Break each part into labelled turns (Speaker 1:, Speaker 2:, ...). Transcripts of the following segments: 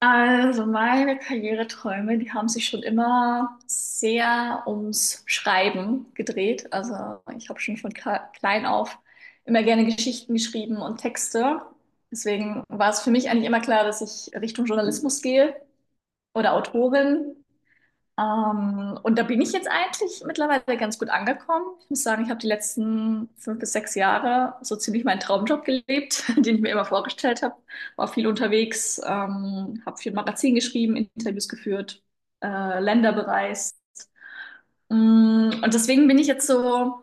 Speaker 1: Also meine Karriereträume, die haben sich schon immer sehr ums Schreiben gedreht. Also ich habe schon von klein auf immer gerne Geschichten geschrieben und Texte. Deswegen war es für mich eigentlich immer klar, dass ich Richtung Journalismus gehe oder Autorin. Und da bin ich jetzt eigentlich mittlerweile ganz gut angekommen. Ich muss sagen, ich habe die letzten fünf bis sechs Jahre so ziemlich meinen Traumjob gelebt, den ich mir immer vorgestellt habe. War viel unterwegs, habe viel Magazin geschrieben, Interviews geführt, Länder bereist. Und deswegen bin ich jetzt so,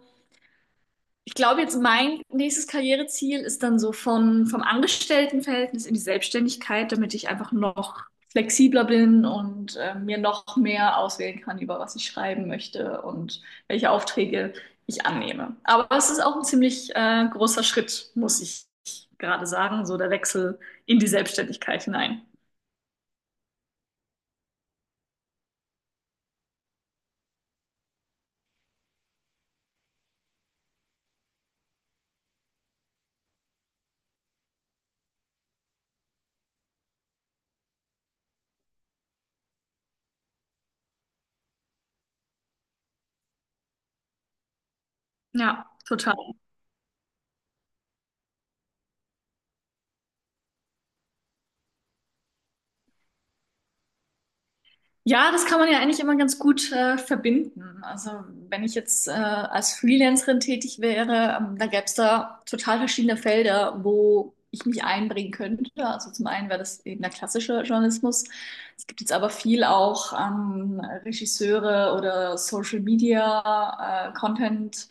Speaker 1: ich glaube jetzt, mein nächstes Karriereziel ist dann so vom Angestelltenverhältnis in die Selbstständigkeit, damit ich einfach noch flexibler bin und mir noch mehr auswählen kann, über was ich schreiben möchte und welche Aufträge ich annehme. Aber es ist auch ein ziemlich großer Schritt, muss ich gerade sagen, so der Wechsel in die Selbstständigkeit hinein. Ja, total. Ja, das kann man ja eigentlich immer ganz gut verbinden. Also wenn ich jetzt als Freelancerin tätig wäre, da gäbe es da total verschiedene Felder, wo ich mich einbringen könnte. Also zum einen wäre das eben der klassische Journalismus. Es gibt jetzt aber viel auch Regisseure oder Social Media Content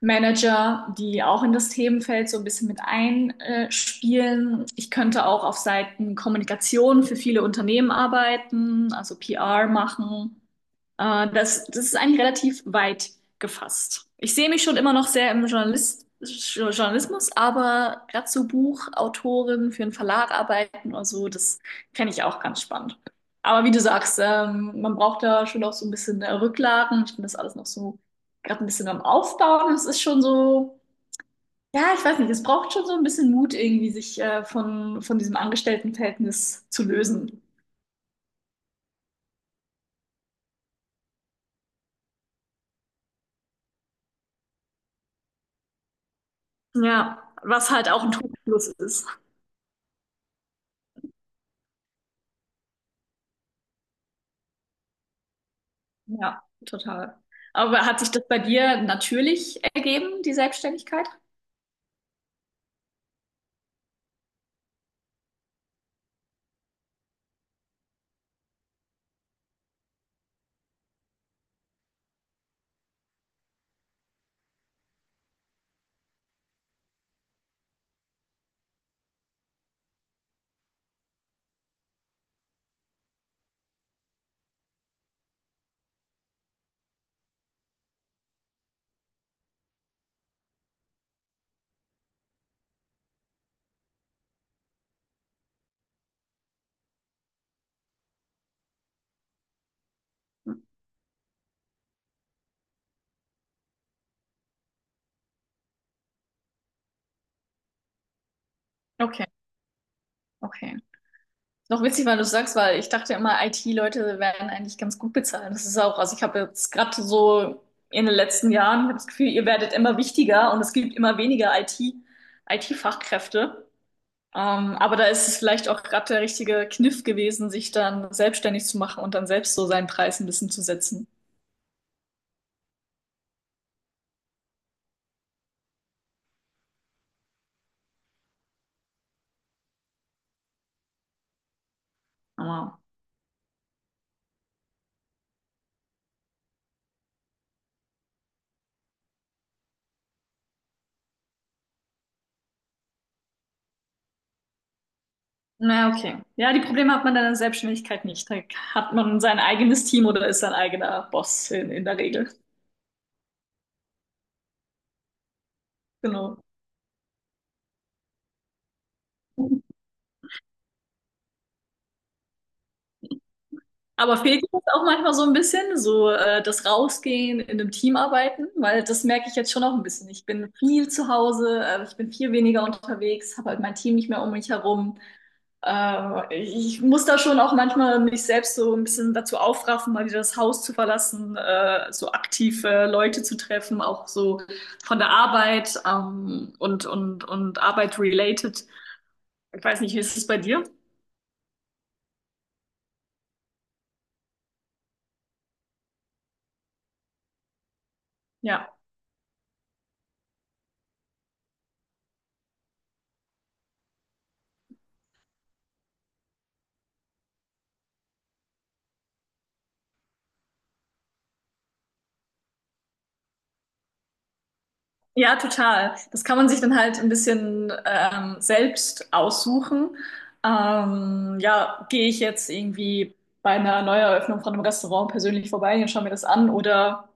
Speaker 1: Manager, die auch in das Themenfeld so ein bisschen mit einspielen. Ich könnte auch auf Seiten Kommunikation für viele Unternehmen arbeiten, also PR machen. Das ist eigentlich relativ weit gefasst. Ich sehe mich schon immer noch sehr im Journalismus, aber gerade so Buchautorin für einen Verlag arbeiten oder so, das fände ich auch ganz spannend. Aber wie du sagst, man braucht da schon auch so ein bisschen Rücklagen. Ich bin das alles noch so gerade ein bisschen am Aufbauen. Es ist schon so, ja, ich weiß nicht, es braucht schon so ein bisschen Mut irgendwie, sich von diesem Angestelltenverhältnis zu lösen. Ja, was halt auch ein Trugschluss ist. Ja, total. Aber hat sich das bei dir natürlich ergeben, die Selbstständigkeit? Okay, okay. Noch witzig, weil du sagst, weil ich dachte immer, IT-Leute werden eigentlich ganz gut bezahlt. Das ist auch, also ich habe jetzt gerade so in den letzten Jahren hab das Gefühl, ihr werdet immer wichtiger und es gibt immer weniger IT-Fachkräfte. Aber da ist es vielleicht auch gerade der richtige Kniff gewesen, sich dann selbstständig zu machen und dann selbst so seinen Preis ein bisschen zu setzen. Aber na ja, okay. Ja, die Probleme hat man dann in Selbstständigkeit nicht. Da hat man sein eigenes Team oder ist sein eigener Boss in der Regel. Genau. Aber fehlt dir das auch manchmal so ein bisschen, so das Rausgehen, in einem Team arbeiten? Weil das merke ich jetzt schon auch ein bisschen. Ich bin viel zu Hause, ich bin viel weniger unterwegs, habe halt mein Team nicht mehr um mich herum. Ich muss da schon auch manchmal mich selbst so ein bisschen dazu aufraffen, mal wieder das Haus zu verlassen, so aktive Leute zu treffen, auch so von der Arbeit und Arbeit related. Ich weiß nicht, wie ist es bei dir? Ja. Ja, total. Das kann man sich dann halt ein bisschen selbst aussuchen. Ja, gehe ich jetzt irgendwie bei einer Neueröffnung von einem Restaurant persönlich vorbei und schaue mir das an oder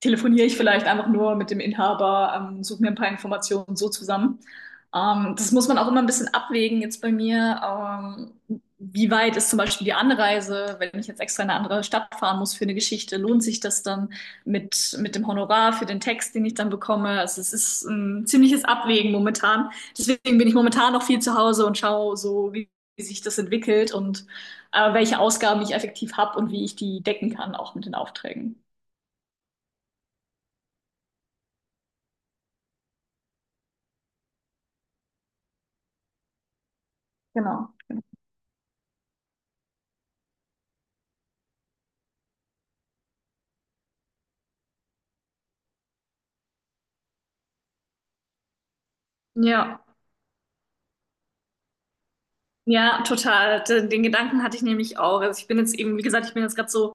Speaker 1: telefoniere ich vielleicht einfach nur mit dem Inhaber, suche mir ein paar Informationen so zusammen. Das muss man auch immer ein bisschen abwägen jetzt bei mir. Wie weit ist zum Beispiel die Anreise? Wenn ich jetzt extra in eine andere Stadt fahren muss für eine Geschichte, lohnt sich das dann mit dem Honorar für den Text, den ich dann bekomme? Also es ist ein ziemliches Abwägen momentan. Deswegen bin ich momentan noch viel zu Hause und schaue so, wie sich das entwickelt und welche Ausgaben ich effektiv habe und wie ich die decken kann, auch mit den Aufträgen. Genau. Ja, ja, total. Den Gedanken hatte ich nämlich auch. Also ich bin jetzt eben, wie gesagt, ich bin jetzt gerade so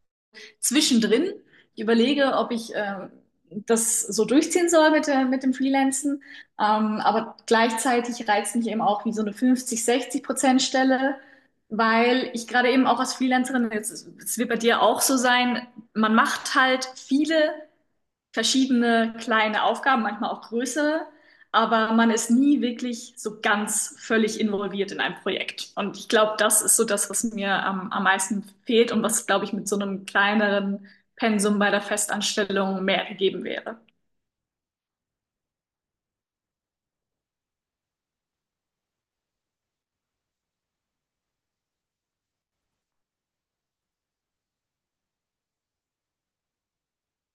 Speaker 1: zwischendrin. Ich überlege, ob ich das so durchziehen soll mit dem Freelancen. Aber gleichzeitig reizt mich eben auch wie so eine 50, 60% Stelle, weil ich gerade eben auch als Freelancerin, jetzt, es wird bei dir auch so sein, man macht halt viele verschiedene kleine Aufgaben, manchmal auch größere, aber man ist nie wirklich so ganz völlig involviert in ein Projekt. Und ich glaube, das ist so das, was mir am meisten fehlt und was, glaube ich, mit so einem kleineren Pensum bei der Festanstellung mehr gegeben wäre.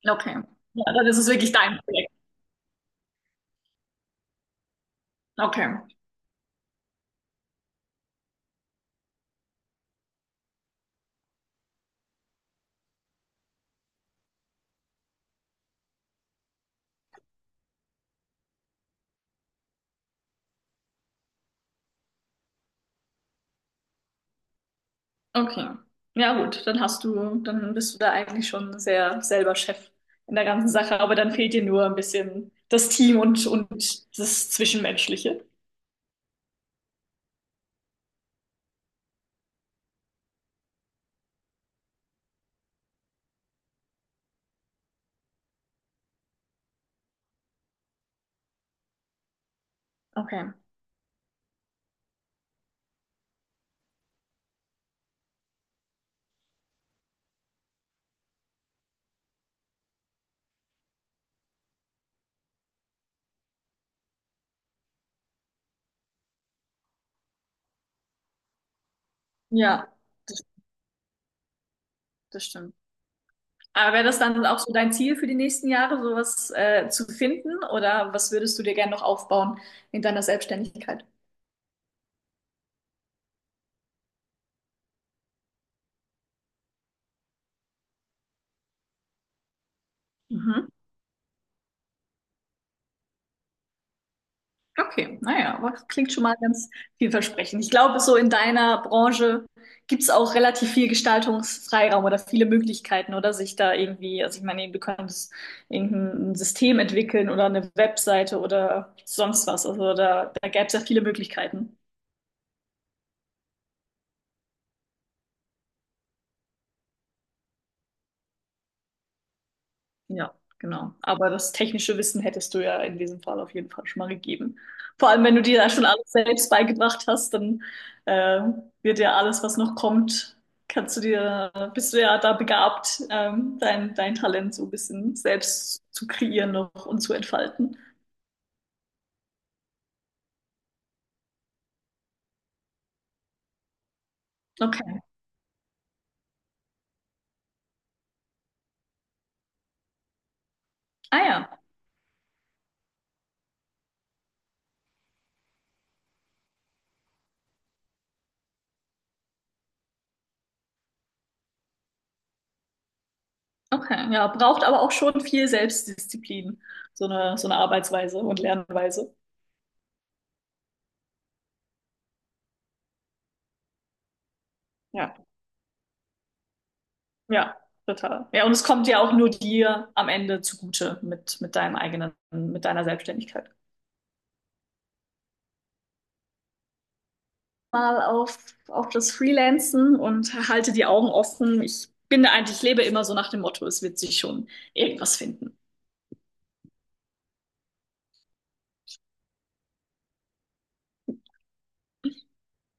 Speaker 1: Okay. Ja, dann ist es wirklich dein Projekt. Okay. Okay. Ja, gut, dann hast du, dann bist du da eigentlich schon sehr selber Chef in der ganzen Sache, aber dann fehlt dir nur ein bisschen das Team und das Zwischenmenschliche. Okay. Ja, das, das stimmt. Aber wäre das dann auch so dein Ziel für die nächsten Jahre, sowas zu finden? Oder was würdest du dir gerne noch aufbauen in deiner Selbstständigkeit? Mhm. Okay, naja, aber das klingt schon mal ganz vielversprechend. Ich glaube, so in deiner Branche gibt es auch relativ viel Gestaltungsfreiraum oder viele Möglichkeiten, oder sich da irgendwie, also ich meine, du könntest irgendein System entwickeln oder eine Webseite oder sonst was. Also da gäbe es ja viele Möglichkeiten. Ja, genau. Aber das technische Wissen hättest du ja in diesem Fall auf jeden Fall schon mal gegeben. Vor allem, wenn du dir ja schon alles selbst beigebracht hast, dann äh, wird ja alles, was noch kommt, kannst du dir, bist du ja da begabt, dein Talent so ein bisschen selbst zu kreieren noch und zu entfalten. Okay. Ah ja, okay. Ja, braucht aber auch schon viel Selbstdisziplin, so so eine Arbeitsweise und Lernweise. Ja. Ja, total. Ja, und es kommt ja auch nur dir am Ende zugute mit deinem eigenen, mit deiner Selbstständigkeit. Mal auf das Freelancen und halte die Augen offen. Ich bin da eigentlich, ich lebe immer so nach dem Motto, es wird sich schon irgendwas finden.